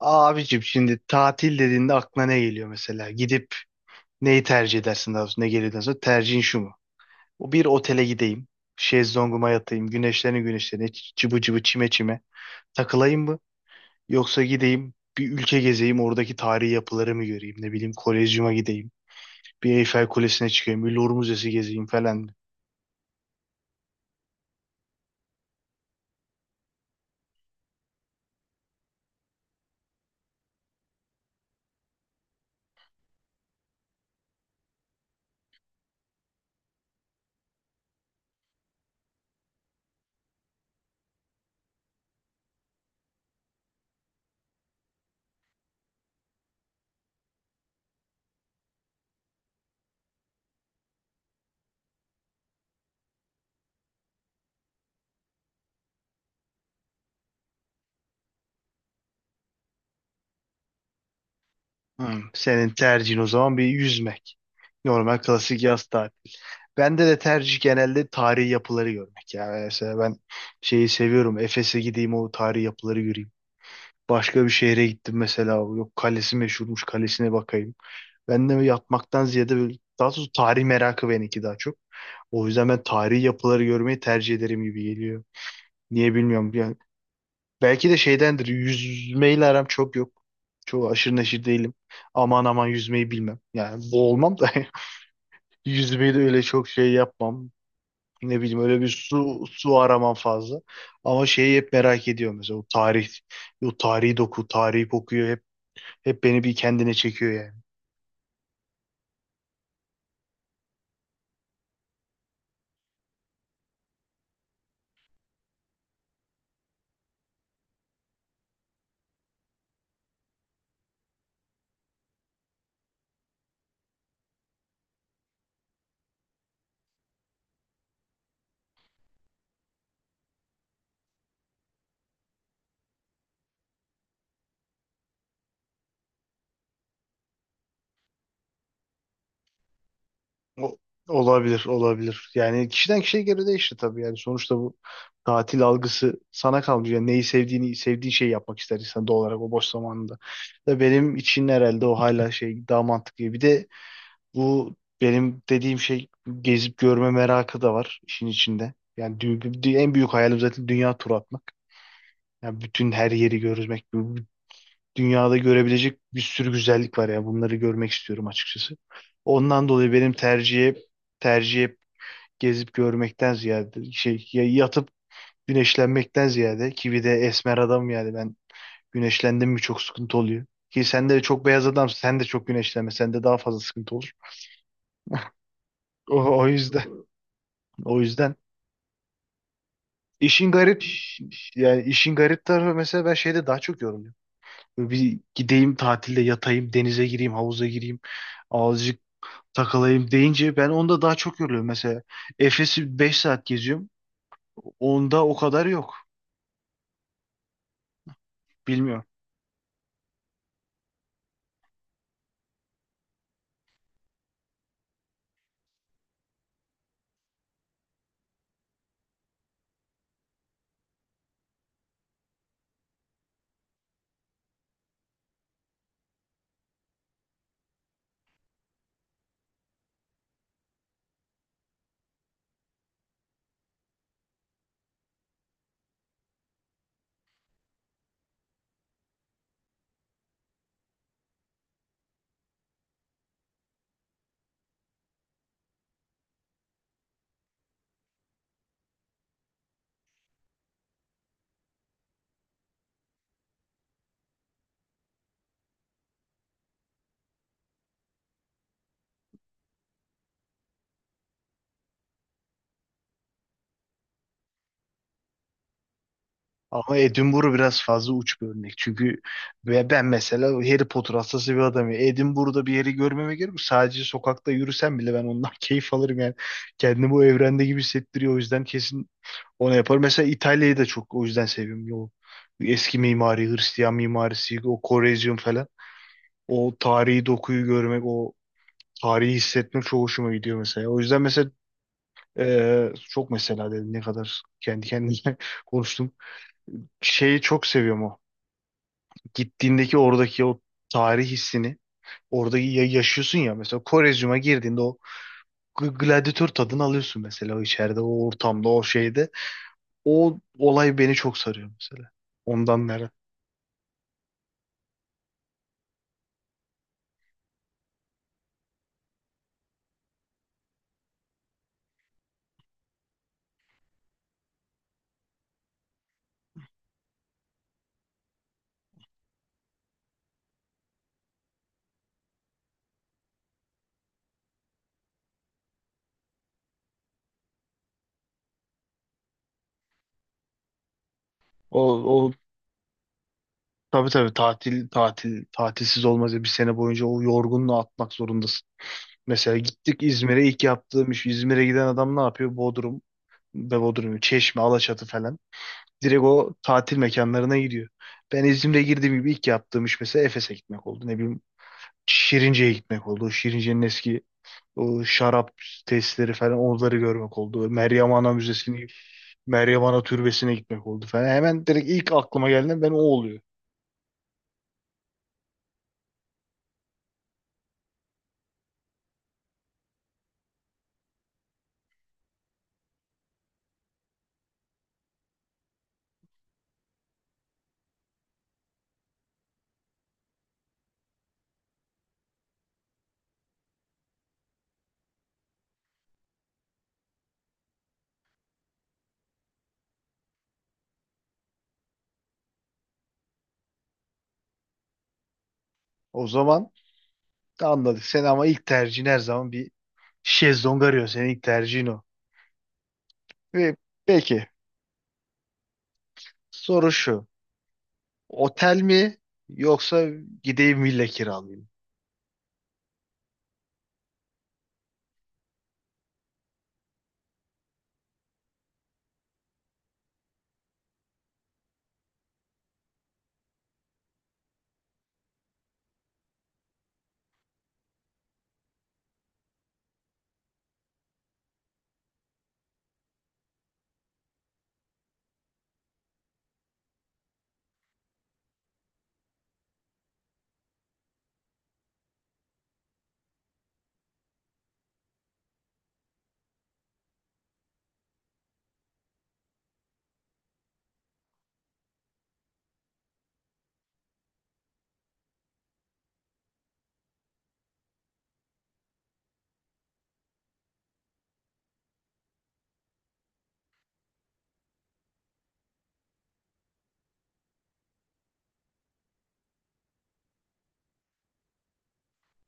Abicim şimdi tatil dediğinde aklına ne geliyor mesela? Gidip neyi tercih edersin, daha doğrusu ne geliyor daha sonra? Tercihin şu mu? O, bir otele gideyim. Şezlonguma yatayım. Güneşlerini güneşlerine cıbı cıbı çime çime takılayım mı? Yoksa gideyim bir ülke gezeyim, oradaki tarihi yapıları mı göreyim? Ne bileyim, Kolezyum'a gideyim. Bir Eyfel Kulesi'ne çıkayım. Bir Louvre Müzesi gezeyim falan. Hmm. Senin tercihin o zaman bir yüzmek. Normal klasik yaz tatili. Bende de tercih genelde tarihi yapıları görmek. Yani mesela ben şeyi seviyorum. Efes'e gideyim, o tarihi yapıları göreyim. Başka bir şehre gittim mesela. Yok, kalesi meşhurmuş, kalesine bakayım. Ben de yatmaktan ziyade böyle, daha doğrusu tarih merakı benimki daha çok. O yüzden ben tarihi yapıları görmeyi tercih ederim gibi geliyor. Niye bilmiyorum. Yani belki de şeydendir. Yüzmeyle aram çok yok. Çok aşırı neşir değilim. Aman aman yüzmeyi bilmem. Yani boğulmam da yüzmeyi de öyle çok şey yapmam. Ne bileyim, öyle bir su araman fazla. Ama şeyi hep merak ediyorum mesela, o tarih, o tarihi doku, tarihi kokuyor, hep hep beni bir kendine çekiyor yani. O, olabilir, olabilir. Yani kişiden kişiye göre değişir tabii, yani sonuçta bu tatil algısı sana kalmış. Yani neyi sevdiğini, sevdiğin şeyi yapmak ister insan doğal olarak o boş zamanında. Da benim için herhalde o hala şey daha mantıklı. Bir de bu benim dediğim şey, gezip görme merakı da var işin içinde. Yani en büyük hayalim zaten dünya turu atmak. Ya bütün her yeri görmek, bu dünyada görebilecek bir sürü güzellik var ya. Bunları görmek istiyorum açıkçası. Ondan dolayı benim tercihe gezip görmekten ziyade şey, ya yatıp güneşlenmekten ziyade, ki bir de esmer adam yani ben, güneşlendim mi çok sıkıntı oluyor. Ki sen de çok beyaz adamsın. Sen de çok güneşlenme. Sende daha fazla sıkıntı olur. O yüzden, o yüzden işin garip, yani işin garip tarafı mesela ben şeyde daha çok yoruluyorum. Böyle bir gideyim tatilde yatayım, denize gireyim, havuza gireyim, azıcık takılayım deyince, ben onda daha çok yoruluyorum. Mesela Efes'i 5 saat geziyorum. Onda o kadar yok. Bilmiyorum. Ama Edinburgh biraz fazla uç bir örnek. Çünkü ve ben mesela Harry Potter hastası bir adamım. Edinburgh'da bir yeri görmeme gerek yok. Sadece sokakta yürüsem bile ben ondan keyif alırım yani. Kendimi bu evrende gibi hissettiriyor. O yüzden kesin onu yapar. Mesela İtalya'yı da çok o yüzden seviyorum. O eski mimari, Hristiyan mimarisi, o Korezyum falan. O tarihi dokuyu görmek, o tarihi hissetmek çok hoşuma gidiyor mesela. O yüzden mesela çok mesela dedim ne kadar kendi kendime konuştum. Şeyi çok seviyorum o. Gittiğindeki oradaki o tarih hissini orada yaşıyorsun ya, mesela Korezyum'a girdiğinde o gladyatör tadını alıyorsun mesela, o içeride, o ortamda, o şeyde. O olay beni çok sarıyor mesela. Ondan merak. O tabii tabii, tatil tatilsiz olmaz ya, bir sene boyunca o yorgunluğu atmak zorundasın. Mesela gittik İzmir'e, ilk yaptığım iş, İzmir'e giden adam ne yapıyor? Bodrum ve Bodrum, Çeşme, Alaçatı falan. Direkt o tatil mekanlarına gidiyor. Ben İzmir'e girdiğim gibi ilk yaptığım iş mesela Efes'e gitmek oldu. Ne bileyim, Şirince'ye gitmek oldu. O Şirince'nin eski o şarap tesisleri falan, onları görmek oldu. Meryem Ana Müzesi'ni, Meryem Ana Türbesi'ne gitmek oldu falan. Hemen direkt ilk aklıma gelen ben o oluyor. O zaman anladık seni, ama ilk tercihin her zaman bir şezlong arıyor. Senin ilk tercihin o. Ve peki, soru şu. Otel mi yoksa gideyim villa kiralayayım?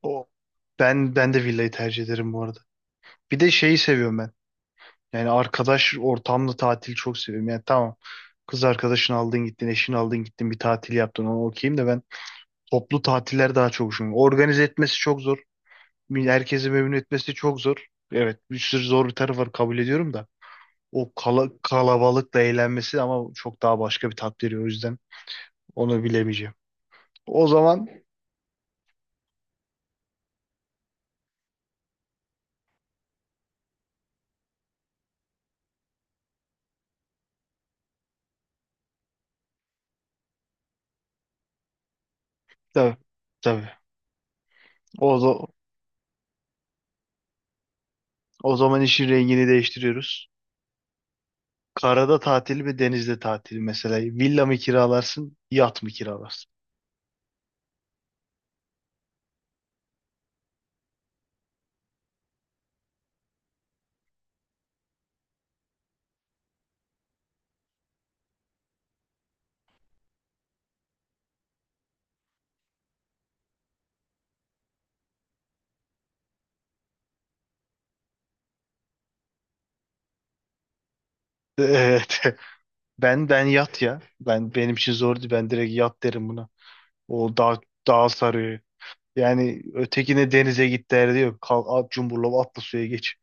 O, ben de villayı tercih ederim bu arada. Bir de şeyi seviyorum ben. Yani arkadaş ortamlı tatili çok seviyorum. Yani tamam, kız arkadaşını aldın gittin, eşini aldın gittin, bir tatil yaptın, ona okeyim, de ben toplu tatiller daha çok hoşuma gidiyor. Organize etmesi çok zor. Herkesi memnun etmesi çok zor. Evet, bir sürü zor bir tarafı var, kabul ediyorum da. O kalabalıkla eğlenmesi ama çok daha başka bir tat veriyor, o yüzden onu bilemeyeceğim. O zaman tabii tabii. O, za- O zaman işin rengini değiştiriyoruz. Karada tatil mi, denizde tatil mi? Mesela villa mı kiralarsın, yat mı kiralarsın? Evet. Ben yat ya. Ben, benim için zordu. Ben direkt yat derim buna. O daha sarıyor. Yani ötekine denize git derdi yok. Kal at, cumburlop atla suya geç.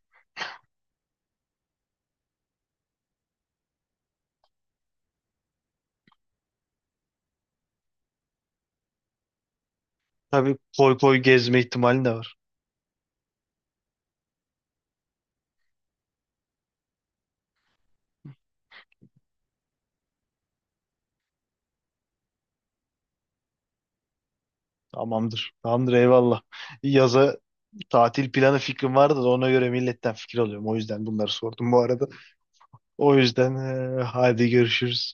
Tabii koy koy gezme ihtimali de var. Tamamdır. Tamamdır, eyvallah. Yaza tatil planı fikrim vardı da ona göre milletten fikir alıyorum. O yüzden bunları sordum bu arada. O yüzden hadi görüşürüz.